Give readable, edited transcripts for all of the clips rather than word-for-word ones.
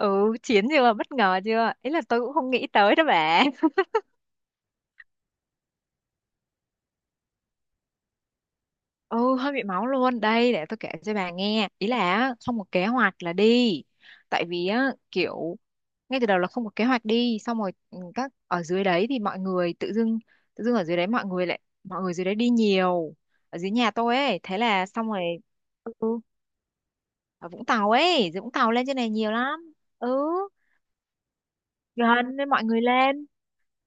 Ừ, chiến chưa? Bất ngờ chưa? Ý là tôi cũng không nghĩ tới đó bà. Ừ, hơi bị máu luôn. Đây, để tôi kể cho bà nghe. Ý là á, không có kế hoạch là đi. Tại vì á, kiểu ngay từ đầu là không có kế hoạch đi. Xong rồi ừ, các ở dưới đấy thì mọi người tự dưng, ở dưới đấy mọi người lại, mọi người dưới đấy đi nhiều. Ở dưới nhà tôi ấy. Thế là xong rồi, ừ, ở Vũng Tàu ấy. Dưới Vũng Tàu lên trên này nhiều lắm. Ừ, gần nên mọi người lên.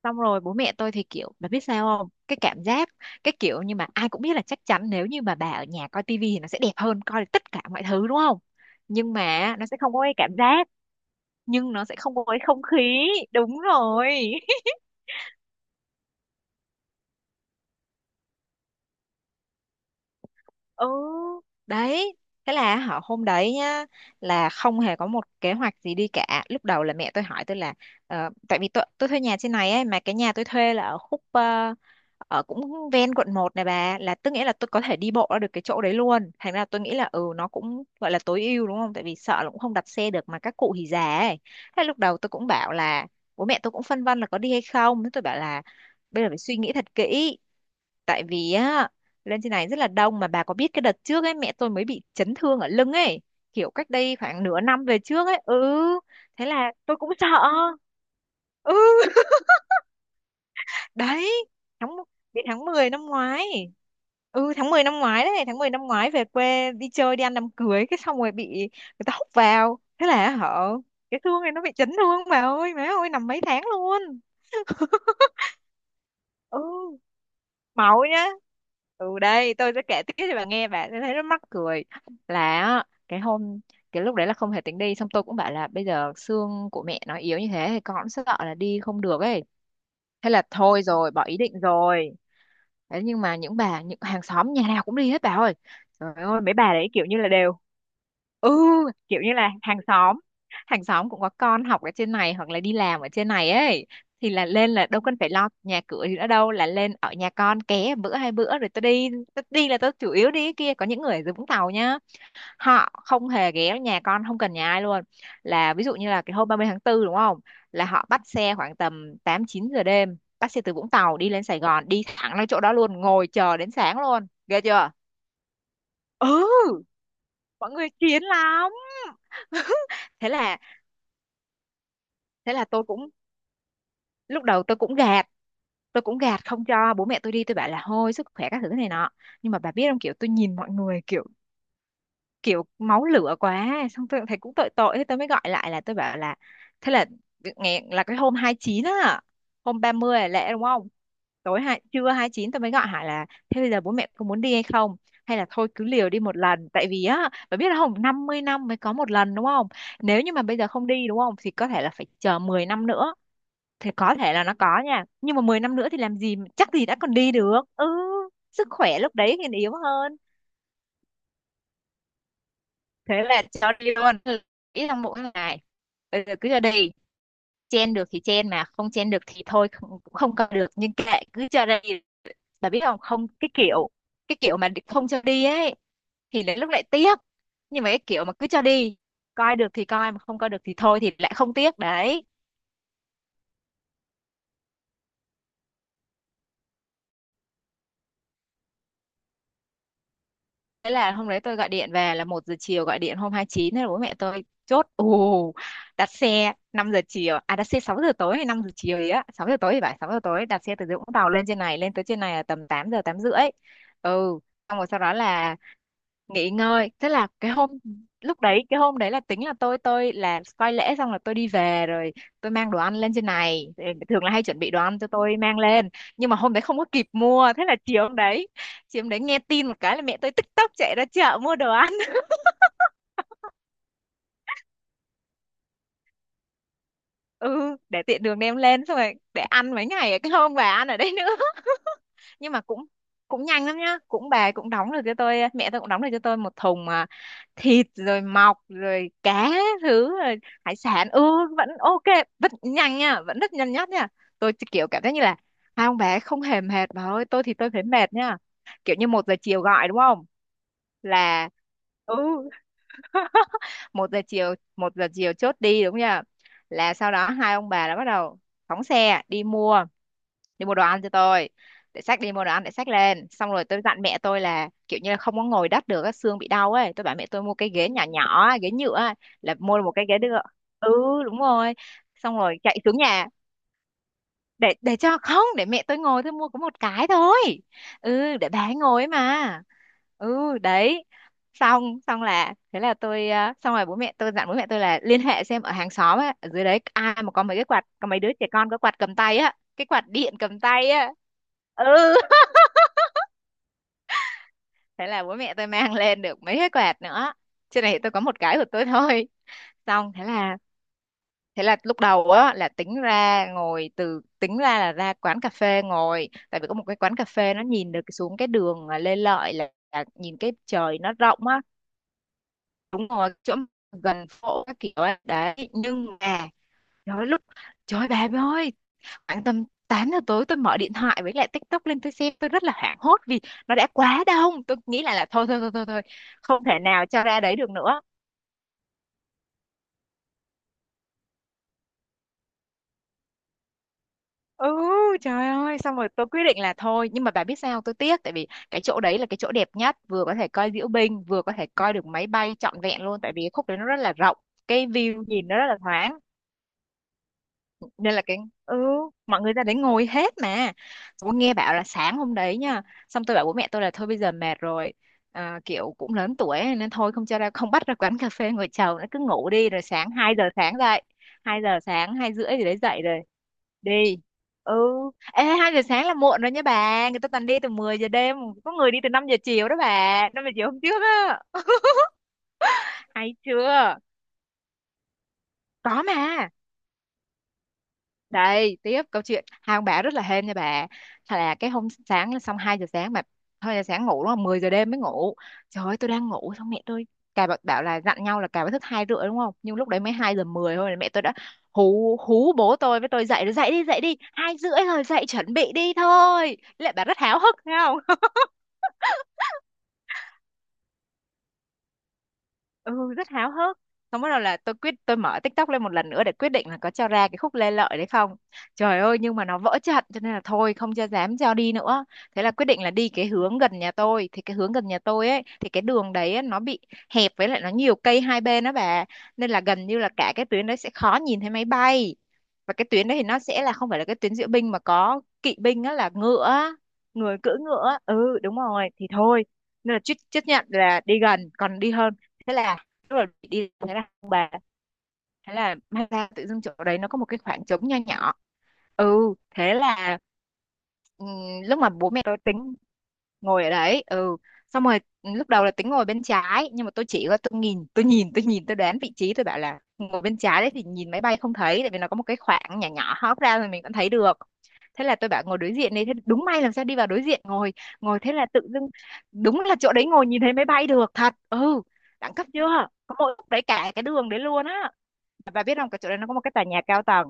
Xong rồi bố mẹ tôi thì kiểu bà biết sao không, cái cảm giác cái kiểu nhưng mà ai cũng biết là chắc chắn nếu như mà bà ở nhà coi tivi thì nó sẽ đẹp hơn, coi được tất cả mọi thứ đúng không, nhưng mà nó sẽ không có cái cảm giác, nhưng nó sẽ không có cái không khí, đúng rồi. Ừ đấy, thế là họ hôm đấy nhá, là không hề có một kế hoạch gì đi cả. Lúc đầu là mẹ tôi hỏi tôi là tại vì tôi thuê nhà trên này ấy, mà cái nhà tôi thuê là ở khúc ở cũng ven quận một này bà, là tức nghĩa là tôi có thể đi bộ ra được cái chỗ đấy luôn, thành ra tôi nghĩ là ừ nó cũng gọi là tối ưu đúng không, tại vì sợ là cũng không đặt xe được mà các cụ thì già ấy. Thế lúc đầu tôi cũng bảo là bố mẹ tôi cũng phân vân là có đi hay không, thế tôi bảo là bây giờ phải suy nghĩ thật kỹ, tại vì á lên trên này rất là đông. Mà bà có biết cái đợt trước ấy, mẹ tôi mới bị chấn thương ở lưng ấy, kiểu cách đây khoảng nửa năm về trước ấy, ừ thế là tôi cũng sợ. Ừ. Đấy, tháng đến tháng 10 năm ngoái, ừ tháng 10 năm ngoái đấy, tháng 10 năm ngoái về quê đi chơi đi ăn đám cưới, cái xong rồi bị người ta húc vào, thế là họ cái thương này nó bị chấn thương bà ơi, má ơi, nằm mấy tháng luôn. Ừ, máu nhá. Ừ, đây tôi sẽ kể tiếp cho bà nghe, bà sẽ thấy rất mắc cười. Là á, cái hôm cái lúc đấy là không thể tính đi, xong tôi cũng bảo là bây giờ xương của mẹ nó yếu như thế thì con cũng sợ là đi không được ấy, thế là thôi rồi, bỏ ý định rồi. Thế nhưng mà những bà, những hàng xóm nhà nào cũng đi hết bà ơi, trời ơi mấy bà đấy kiểu như là đều ừ kiểu như là hàng xóm, hàng xóm cũng có con học ở trên này hoặc là đi làm ở trên này ấy, thì là lên là đâu cần phải lo nhà cửa gì nữa đâu, là lên ở nhà con ké bữa hai bữa rồi tao đi. Tao đi là tao chủ yếu đi cái kia, có những người ở dưới Vũng Tàu nhá, họ không hề ghé nhà con, không cần nhà ai luôn. Là ví dụ như là cái hôm 30 tháng 4 đúng không, là họ bắt xe khoảng tầm 8 9 giờ đêm, bắt xe từ Vũng Tàu đi lên Sài Gòn đi thẳng lên chỗ đó luôn, ngồi chờ đến sáng luôn, ghê chưa. Ừ mọi người chiến lắm. Thế là thế là tôi cũng lúc đầu tôi cũng gạt không cho bố mẹ tôi đi, tôi bảo là thôi sức khỏe các thứ này nọ. Nhưng mà bà biết không, kiểu tôi nhìn mọi người kiểu kiểu máu lửa quá, xong tôi cũng thấy cũng tội tội, thế tôi mới gọi lại là tôi bảo là thế là ngày là cái hôm 29 á, hôm 30 là lễ đúng không, tối hai trưa 29 tôi mới gọi hỏi là thế bây giờ bố mẹ có muốn đi hay không, hay là thôi cứ liều đi một lần, tại vì á bà biết không, 50 năm mới có một lần đúng không, nếu như mà bây giờ không đi đúng không thì có thể là phải chờ 10 năm nữa, thì có thể là nó có nha, nhưng mà 10 năm nữa thì làm gì chắc gì đã còn đi được. Ừ sức khỏe lúc đấy thì yếu hơn. Thế là cho đi luôn, ít trong mỗi ngày, bây giờ cứ cho đi, chen được thì chen mà không chen được thì thôi, không- cũng không cầm được nhưng kệ cứ cho đi. Bà biết không, không cái kiểu cái kiểu mà không cho đi ấy thì lại lúc lại tiếc, nhưng mà cái kiểu mà cứ cho đi, coi được thì coi mà không coi được thì thôi thì lại không tiếc đấy. Thế là hôm đấy tôi gọi điện về là một giờ chiều, gọi điện hôm hai mươi chín, thế là bố mẹ tôi chốt ù, đặt xe 5 giờ chiều, à đặt xe 6 giờ tối hay 5 giờ chiều gì á, 6 giờ tối thì phải, 6 giờ tối đặt xe từ Vũng Tàu lên trên này, lên tới trên này là tầm 8 giờ 8 rưỡi. Ừ, xong rồi sau đó là nghỉ ngơi, thế là cái hôm lúc đấy, cái hôm đấy là tính là tôi là coi lễ xong là tôi đi về rồi, tôi mang đồ ăn lên trên này. Thì thường là hay chuẩn bị đồ ăn cho tôi mang lên, nhưng mà hôm đấy không có kịp mua, thế là chiều hôm đấy chị hôm đấy nghe tin một cái là mẹ tôi tức tốc chạy ra chợ mua đồ ăn. Ừ để tiện đường đem lên, xong rồi để ăn mấy ngày, cái hôm bà ăn ở đấy nữa. Nhưng mà cũng cũng nhanh lắm nhá, cũng bà cũng đóng được cho tôi, mẹ tôi cũng đóng được cho tôi một thùng mà thịt rồi mọc rồi cá thứ rồi hải sản. Ừ vẫn ok, vẫn nhanh nha, vẫn rất nhanh nhất nha. Tôi kiểu cảm giác như là hai ông bà không hề mệt bà ơi, tôi thì tôi thấy mệt nha. Kiểu như một giờ chiều gọi đúng không, là ừ. Một giờ chiều, một giờ chiều chốt đi đúng chưa, là sau đó hai ông bà đã bắt đầu phóng xe đi mua, đi mua đồ ăn cho tôi, để xách đi mua đồ ăn để xách lên. Xong rồi tôi dặn mẹ tôi là kiểu như là không có ngồi đất được á, xương bị đau ấy, tôi bảo mẹ tôi mua cái ghế nhỏ nhỏ á, ghế nhựa á, là mua một cái ghế được. Ừ đúng rồi, xong rồi chạy xuống nhà để cho không, để mẹ tôi ngồi, tôi mua có một cái thôi. Ừ để bà ấy ngồi ấy mà. Ừ đấy, xong xong là thế là tôi xong rồi bố mẹ tôi dặn, bố mẹ tôi là liên hệ xem ở hàng xóm á ở dưới đấy ai mà có mấy cái quạt, có mấy đứa trẻ con có quạt cầm tay á, cái quạt điện cầm tay á. Ừ thế là bố mẹ tôi mang lên được mấy cái quạt nữa, trên này tôi có một cái của tôi thôi. Xong thế là lúc đầu á là tính ra ngồi từ, tính ra là ra quán cà phê ngồi, tại vì có một cái quán cà phê nó nhìn được xuống cái đường à, Lê Lợi là nhìn cái trời nó rộng á, đúng rồi chỗ gần phố các kiểu á. Đấy, nhưng mà trời ơi, lúc trời ơi, bà ơi, khoảng tầm 8 giờ tối tôi mở điện thoại với lại TikTok lên tôi xem, tôi rất là hoảng hốt vì nó đã quá đông. Tôi nghĩ lại là thôi thôi thôi thôi thôi, không thể nào cho ra đấy được nữa. Ừ. Trời ơi, xong rồi tôi quyết định là thôi, nhưng mà bà biết sao tôi tiếc, tại vì cái chỗ đấy là cái chỗ đẹp nhất, vừa có thể coi diễu binh vừa có thể coi được máy bay trọn vẹn luôn, tại vì cái khúc đấy nó rất là rộng, cái view nhìn nó rất là thoáng. Nên là ừ, mọi người ra đấy ngồi hết mà. Xong tôi nghe bảo là sáng hôm đấy nha, xong tôi bảo bố mẹ tôi là thôi bây giờ mệt rồi, kiểu cũng lớn tuổi ấy, nên thôi không cho ra, không bắt ra quán cà phê ngồi chầu, nó cứ ngủ đi rồi sáng 2 giờ sáng dậy. Hai giờ sáng hai rưỡi gì đấy dậy rồi đi. Ừ. Ê, hai giờ sáng là muộn rồi nha bà, người ta toàn đi từ 10 giờ đêm. Có người đi từ 5 giờ chiều đó bà, 5 giờ chiều hôm trước á. Hay chưa? Có mà. Đây tiếp câu chuyện hai ông bà rất là hên nha bà. Thật là cái hôm sáng là xong 2 giờ sáng mà 2 giờ sáng ngủ đúng không, 10 giờ đêm mới ngủ. Trời ơi tôi đang ngủ xong mẹ tôi bảo là dặn nhau là cà phải thức hai rưỡi đúng không, nhưng lúc đấy mới 2 giờ 10 thôi là mẹ tôi đã hú hú, bố tôi với tôi dậy rồi, dậy đi dậy đi, hai rưỡi rồi dậy chuẩn bị đi thôi. Lại bà rất háo hức thấy không. Ừ rất háo hức. Xong bắt đầu là tôi mở TikTok lên một lần nữa để quyết định là có cho ra cái khúc Lê Lợi đấy không. Trời ơi nhưng mà nó vỡ trận, cho nên là thôi không cho, dám cho đi nữa. Thế là quyết định là đi cái hướng gần nhà tôi, thì cái hướng gần nhà tôi ấy thì cái đường đấy á, nó bị hẹp, với lại nó nhiều cây hai bên đó bà, nên là gần như là cả cái tuyến đấy sẽ khó nhìn thấy máy bay. Và cái tuyến đấy thì nó sẽ là không phải là cái tuyến diễu binh mà có kỵ binh á, là ngựa á, người cưỡi ngựa á. Ừ đúng rồi thì thôi, nên là chấp chấp nhận là đi gần còn đi hơn. Thế là tức là đi thế là Thế là may ra tự dưng chỗ đấy nó có một cái khoảng trống nho nhỏ. Ừ thế là, ừ, lúc mà bố mẹ tôi tính ngồi ở đấy. Ừ xong rồi, ừ, lúc đầu là tính ngồi bên trái, nhưng mà tôi chỉ có tôi nhìn tôi đoán vị trí, tôi bảo là ngồi bên trái đấy thì nhìn máy bay không thấy, tại vì nó có một cái khoảng nhỏ nhỏ hóp ra rồi mình vẫn thấy được. Thế là tôi bảo ngồi đối diện đi, thế đúng may làm sao, đi vào đối diện ngồi ngồi thế là tự dưng đúng là chỗ đấy ngồi nhìn thấy máy bay được thật. Ừ, đẳng cấp chưa. Có mỗi lúc đấy cả cái đường đấy luôn á. Bà biết không, cái chỗ đấy nó có một cái tòa nhà cao tầng,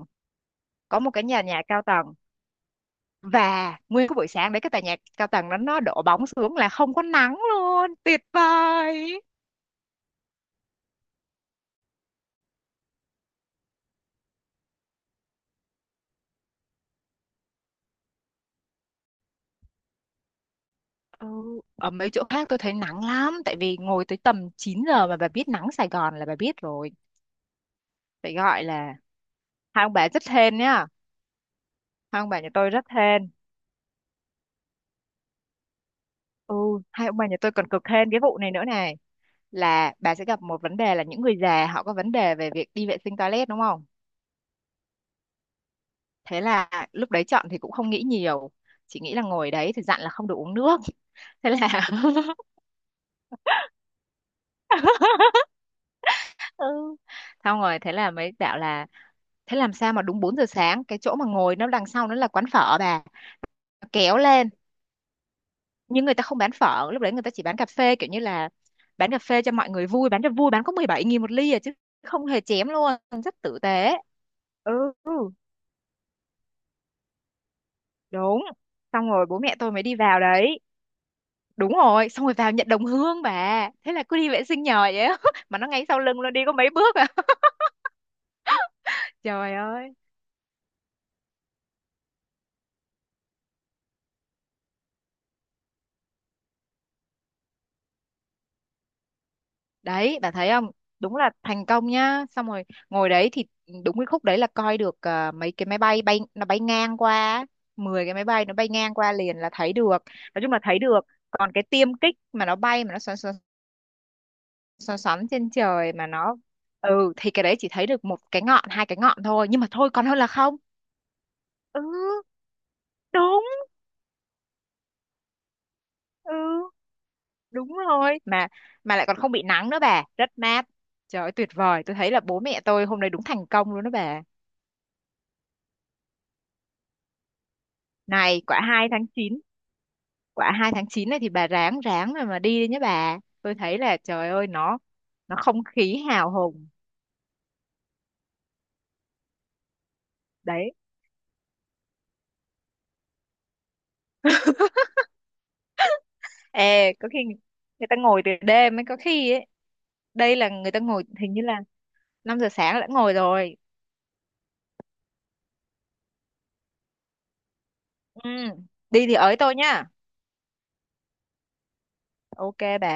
có một cái nhà nhà cao tầng, và nguyên cái buổi sáng đấy cái tòa nhà cao tầng đó nó đổ bóng xuống là không có nắng luôn, tuyệt vời. Ừ. Ở mấy chỗ khác tôi thấy nắng lắm, tại vì ngồi tới tầm 9 giờ, mà bà biết nắng Sài Gòn là bà biết rồi, phải gọi là hai ông bà rất hên nhá, hai ông bà nhà tôi rất hên. Ừ. Hai ông bà nhà tôi còn cực hên cái vụ này nữa này, là bà sẽ gặp một vấn đề là những người già họ có vấn đề về việc đi vệ sinh toilet đúng không. Thế là lúc đấy chọn thì cũng không nghĩ nhiều, chỉ nghĩ là ngồi đấy thì dặn là không được uống nước. Thế là ừ. Xong rồi thế là mới bảo là thế làm sao mà đúng 4 giờ sáng, cái chỗ mà ngồi nó đằng sau nó là quán phở bà, kéo lên, nhưng người ta không bán phở lúc đấy, người ta chỉ bán cà phê, kiểu như là bán cà phê cho mọi người vui, bán cho vui, bán có 17.000 một ly à chứ không hề chém luôn, rất tử tế. Ừ đúng. Xong rồi bố mẹ tôi mới đi vào đấy. Đúng rồi xong rồi vào nhận đồng hương bà, thế là cứ đi vệ sinh nhờ vậy á. Mà nó ngay sau lưng nó đi có mấy bước à. Trời ơi, đấy bà thấy không, đúng là thành công nhá. Xong rồi ngồi đấy thì đúng cái khúc đấy là coi được, à, mấy cái máy bay bay nó bay ngang qua á. 10 cái máy bay nó bay ngang qua liền là thấy được, nói chung là thấy được. Còn cái tiêm kích mà nó bay mà nó xoắn xoắn xoắn xoắn trên trời mà nó, ừ thì cái đấy chỉ thấy được một cái ngọn hai cái ngọn thôi, nhưng mà thôi còn hơn là không. Ừ đúng. Ừ đúng rồi. Mà lại còn không bị nắng nữa bà, rất mát. Trời ơi tuyệt vời, tôi thấy là bố mẹ tôi hôm nay đúng thành công luôn đó bà. Này, quả 2 tháng 9, quả 2 tháng 9 này thì bà ráng ráng rồi mà đi đi nhé bà. Tôi thấy là trời ơi nó không khí hào hùng đấy. Ê, có khi người ta ngồi từ đêm ấy có khi ấy. Đây là người ta ngồi hình như là 5 giờ sáng đã ngồi rồi. Ừ, đi thì ới tôi nhá. Ok bà.